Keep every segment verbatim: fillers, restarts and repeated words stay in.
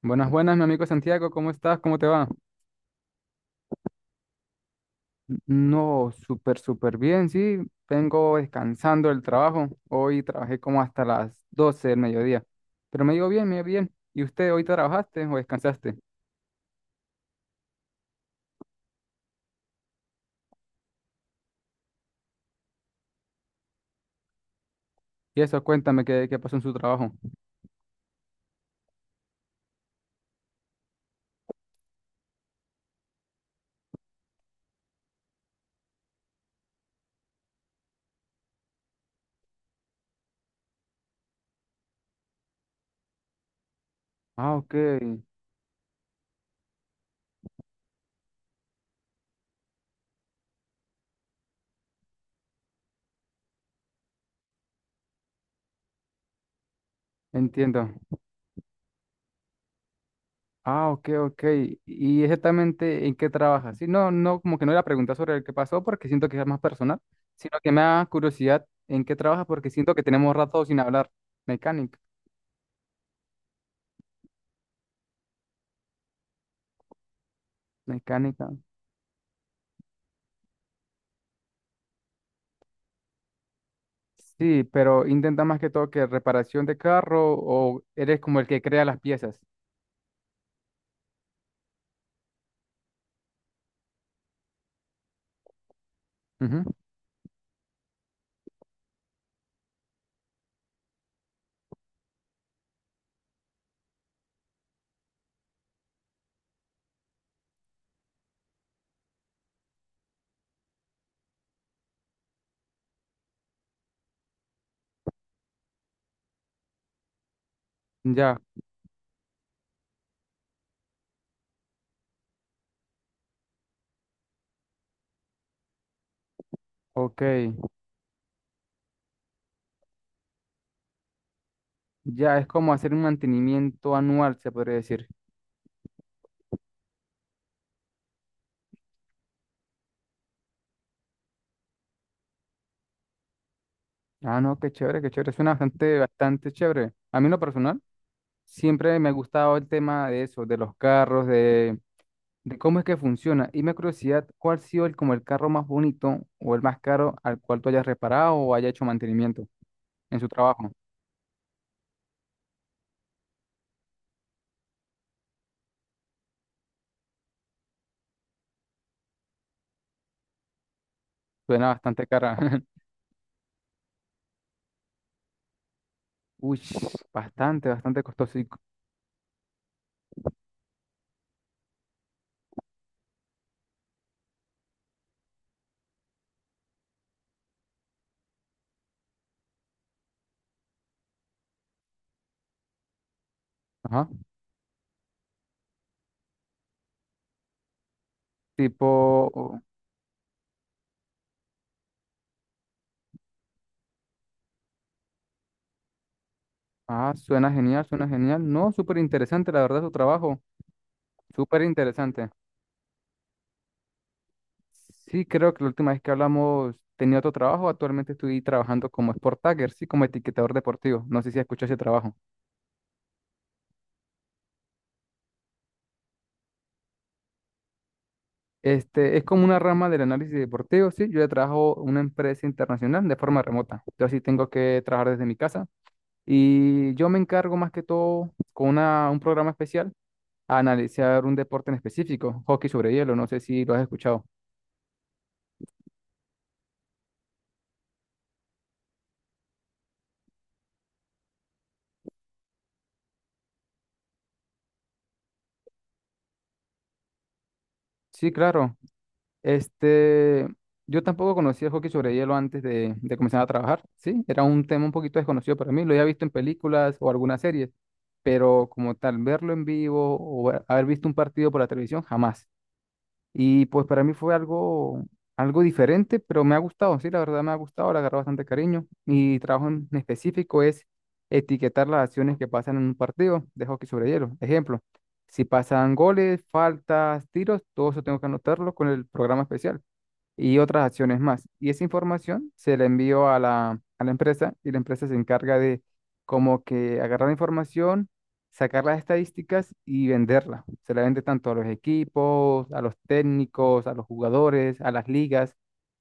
Buenas, buenas, mi amigo Santiago, ¿cómo estás? ¿Cómo te va? No, súper, súper bien, sí. Vengo descansando del trabajo. Hoy trabajé como hasta las doce del mediodía. Pero me ha bien, me ha bien. ¿Y usted hoy trabajaste o descansaste? Y eso, cuéntame qué, qué pasó en su trabajo. Ah, ok, entiendo. Ah, ok, ok. ¿Y exactamente en qué trabajas? Sí, no, no, como que no era pregunta sobre el que pasó porque siento que es más personal, sino que me da curiosidad en qué trabajas porque siento que tenemos rato sin hablar. Mecánica, mecánica. Sí, pero intenta más que todo que reparación de carro o eres como el que crea las piezas. Ujú. Ya, ok. Ya es como hacer un mantenimiento anual, se podría decir. Ah, no, qué chévere, qué chévere. Suena bastante, bastante chévere. A mí en lo personal, siempre me ha gustado el tema de eso, de los carros, de, de cómo es que funciona. Y me da curiosidad, ¿cuál ha sido el, como el carro más bonito o el más caro al cual tú hayas reparado o haya hecho mantenimiento en su trabajo? Suena bastante cara. Uy, bastante, bastante costoso. y- Ajá. Tipo, ah, suena genial, suena genial. No, súper interesante, la verdad, su trabajo. Súper interesante. Sí, creo que la última vez que hablamos tenía otro trabajo. Actualmente estoy trabajando como Sport Tagger, sí, como etiquetador deportivo. No sé si escuchó ese trabajo. Este, es como una rama del análisis deportivo, sí. Yo ya trabajo en una empresa internacional de forma remota. Yo sí tengo que trabajar desde mi casa. Y yo me encargo más que todo con una- un programa especial a analizar un deporte en específico, hockey sobre hielo, no sé si lo has escuchado. Sí, claro. Este, yo tampoco conocía el hockey sobre hielo antes de, de comenzar a trabajar, ¿sí? Era un tema un poquito desconocido para mí, lo había visto en películas o algunas series, pero como tal, verlo en vivo o ver- haber visto un partido por la televisión, jamás. Y pues para mí fue algo, algo diferente, pero me ha gustado, sí, la verdad me ha gustado, le agarré bastante cariño. Mi trabajo en específico es etiquetar las acciones que pasan en un partido de hockey sobre hielo. Ejemplo, si pasan goles, faltas, tiros, todo eso tengo que anotarlo con el programa especial y otras acciones más. Y esa información se la envío a la, a la empresa y la empresa se encarga de como que agarrar la información, sacar las estadísticas y venderla. Se la vende tanto a los equipos, a los técnicos, a los jugadores, a las ligas,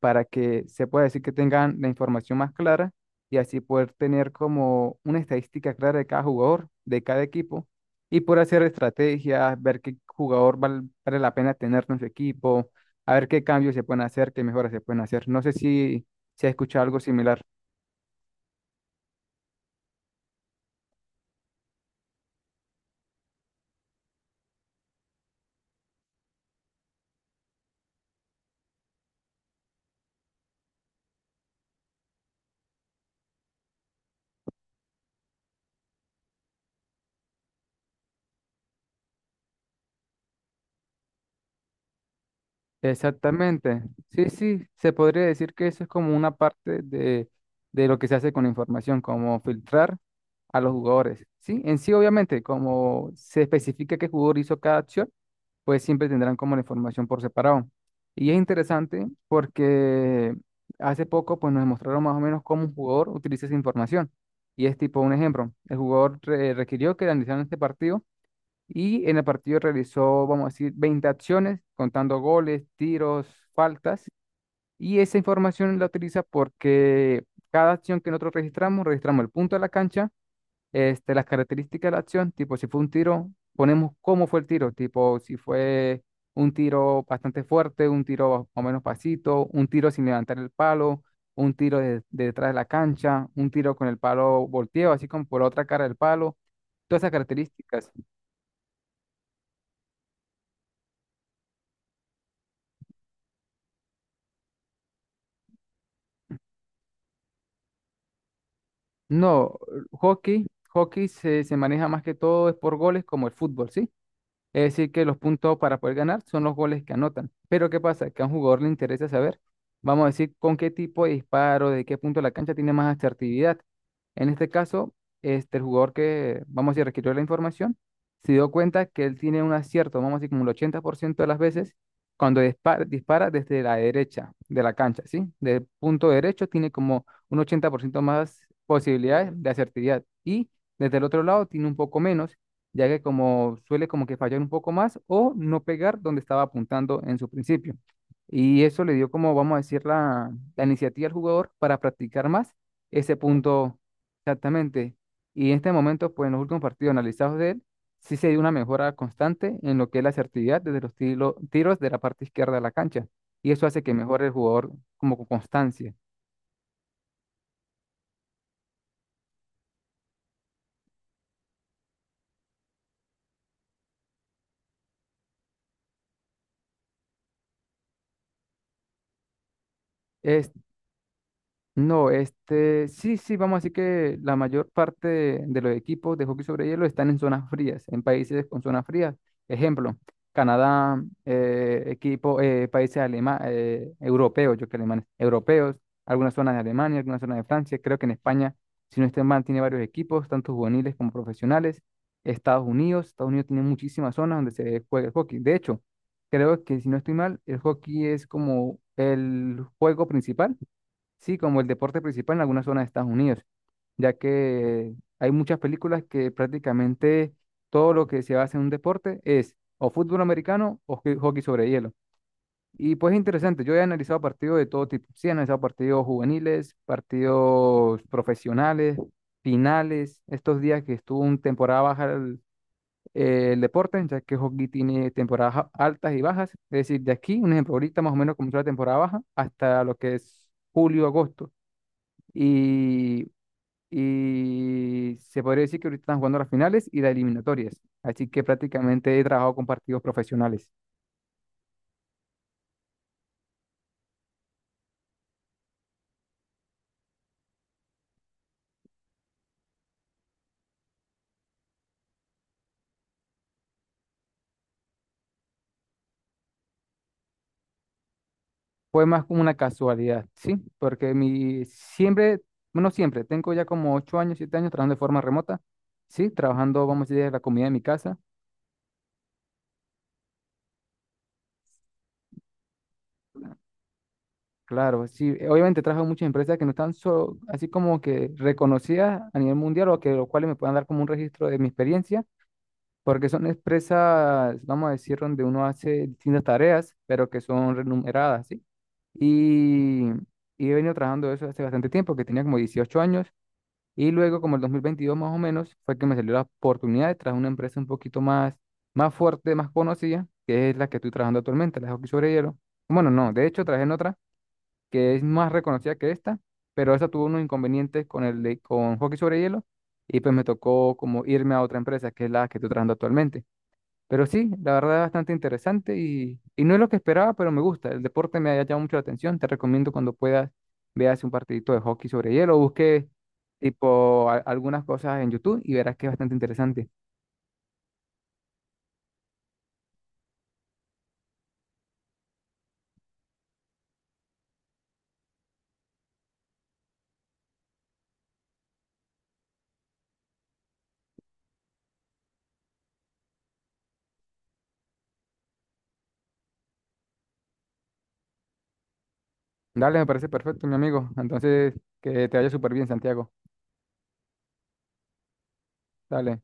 para que se pueda decir que tengan la información más clara y así poder tener como una estadística clara de cada jugador, de cada equipo. Y por hacer estrategias, ver qué jugador val- vale la pena tener en su equipo, a ver qué cambios se pueden hacer, qué mejoras se pueden hacer. No sé si, se has escuchado algo similar. Exactamente. Sí, sí, se podría decir que eso es como una parte de, de lo que se hace con la información, como filtrar a los jugadores. Sí, en sí, obviamente, como se especifica qué jugador hizo cada acción, pues siempre tendrán como la información por separado. Y es interesante porque hace poco pues nos mostraron más o menos cómo un jugador utiliza esa información. Y es tipo un ejemplo. El jugador re- requirió que analizaran este partido. Y en el partido realizó, vamos a decir, veinte acciones, contando goles, tiros, faltas. Y esa información la utiliza porque cada acción que nosotros registramos, registramos el punto de la cancha, este, las características de la acción, tipo si fue un tiro, ponemos cómo fue el tiro, tipo si fue un tiro bastante fuerte, un tiro más o menos pasito, un tiro sin levantar el palo, un tiro de, de detrás de la cancha, un tiro con el palo volteado, así como por la otra cara del palo, todas esas características. No, hockey, hockey se, se maneja más que todo es por goles como el fútbol, ¿sí? Es decir, que los puntos para poder ganar son los goles que anotan. Pero ¿qué pasa? Que a un jugador le interesa saber, vamos a decir, con qué tipo de disparo, de qué punto de la cancha tiene más asertividad. En este caso, este, el jugador que, vamos a decir, requirió la información, se dio cuenta que él tiene un acierto, vamos a decir, como el ochenta por ciento de las veces, cuando dispara, dispara desde la derecha de la cancha, ¿sí? Del punto derecho tiene como un ochenta por ciento más posibilidades de asertividad. Y desde el otro lado tiene un poco menos ya que como suele como que fallar un poco más o no pegar donde estaba apuntando en su principio. Y eso le dio como, vamos a decir, la, la iniciativa al jugador para practicar más ese punto exactamente. Y en este momento, pues en los últimos partidos analizados de él, sí se dio una mejora constante en lo que es la asertividad desde los tiro- tiros de la parte izquierda de la cancha. Y eso hace que mejore el jugador como con constancia. No, este, sí, sí, vamos a decir que la mayor parte de, de los equipos de hockey sobre hielo están en zonas frías, en países con zonas frías. Ejemplo, Canadá, eh, equipo, eh, países alema- eh, europeos, yo que alemanes, europeos, algunas zonas de Alemania, algunas zonas de Francia. Creo que en España, si no estoy mal, tiene varios equipos, tanto juveniles como profesionales. Estados Unidos, Estados Unidos tiene muchísimas zonas donde se juega el hockey. De hecho, creo que si no estoy mal, el hockey es como el juego principal, sí, como el deporte principal en algunas zonas de Estados Unidos, ya que hay muchas películas que prácticamente todo lo que se basa en un deporte es o fútbol americano o hockey hockey sobre hielo. Y pues es interesante, yo he analizado partidos de todo tipo, sí, he analizado partidos juveniles, partidos profesionales, finales, estos días que estuvo una temporada baja el, eh, el deporte, ya que hockey tiene temporadas a- altas y bajas, es decir, de aquí, un ejemplo, ahorita más o menos comenzó la temporada baja hasta lo que es julio, agosto. Y, y se podría decir que ahorita están jugando las finales y las eliminatorias. Así que prácticamente he trabajado con partidos profesionales. Fue más como una casualidad, ¿sí? Porque mi siempre, bueno, siempre, tengo ya como ocho años, siete años trabajando de forma remota, ¿sí? Trabajando, vamos a decir, de la comida de mi casa. Claro, sí, eh, obviamente trabajo en muchas empresas que no están solo, así como que reconocidas a nivel mundial o que los cuales me puedan dar como un registro de mi experiencia porque son empresas, vamos a decir, donde uno hace distintas tareas, pero que son remuneradas, ¿sí? Y, y he venido trabajando eso hace bastante tiempo, que tenía como dieciocho años, y luego como el dos mil veintidós más o menos, fue que me salió la oportunidad de trabajar en una empresa un poquito más, más fuerte, más conocida, que es la que estoy trabajando actualmente, la de hockey sobre hielo. Bueno, no, de hecho trabajé en otra que es más reconocida que esta, pero esa tuvo unos inconvenientes con el de, con hockey sobre hielo, y pues me tocó como irme a otra empresa, que es la que estoy trabajando actualmente. Pero sí, la verdad es bastante interesante y, y no es lo que esperaba, pero me gusta. El deporte me ha llamado mucho la atención. Te recomiendo cuando puedas veas un partidito de hockey sobre hielo, busque tipo a- algunas cosas en YouTube y verás que es bastante interesante. Dale, me parece perfecto, mi amigo. Entonces, que te vaya súper bien, Santiago. Dale.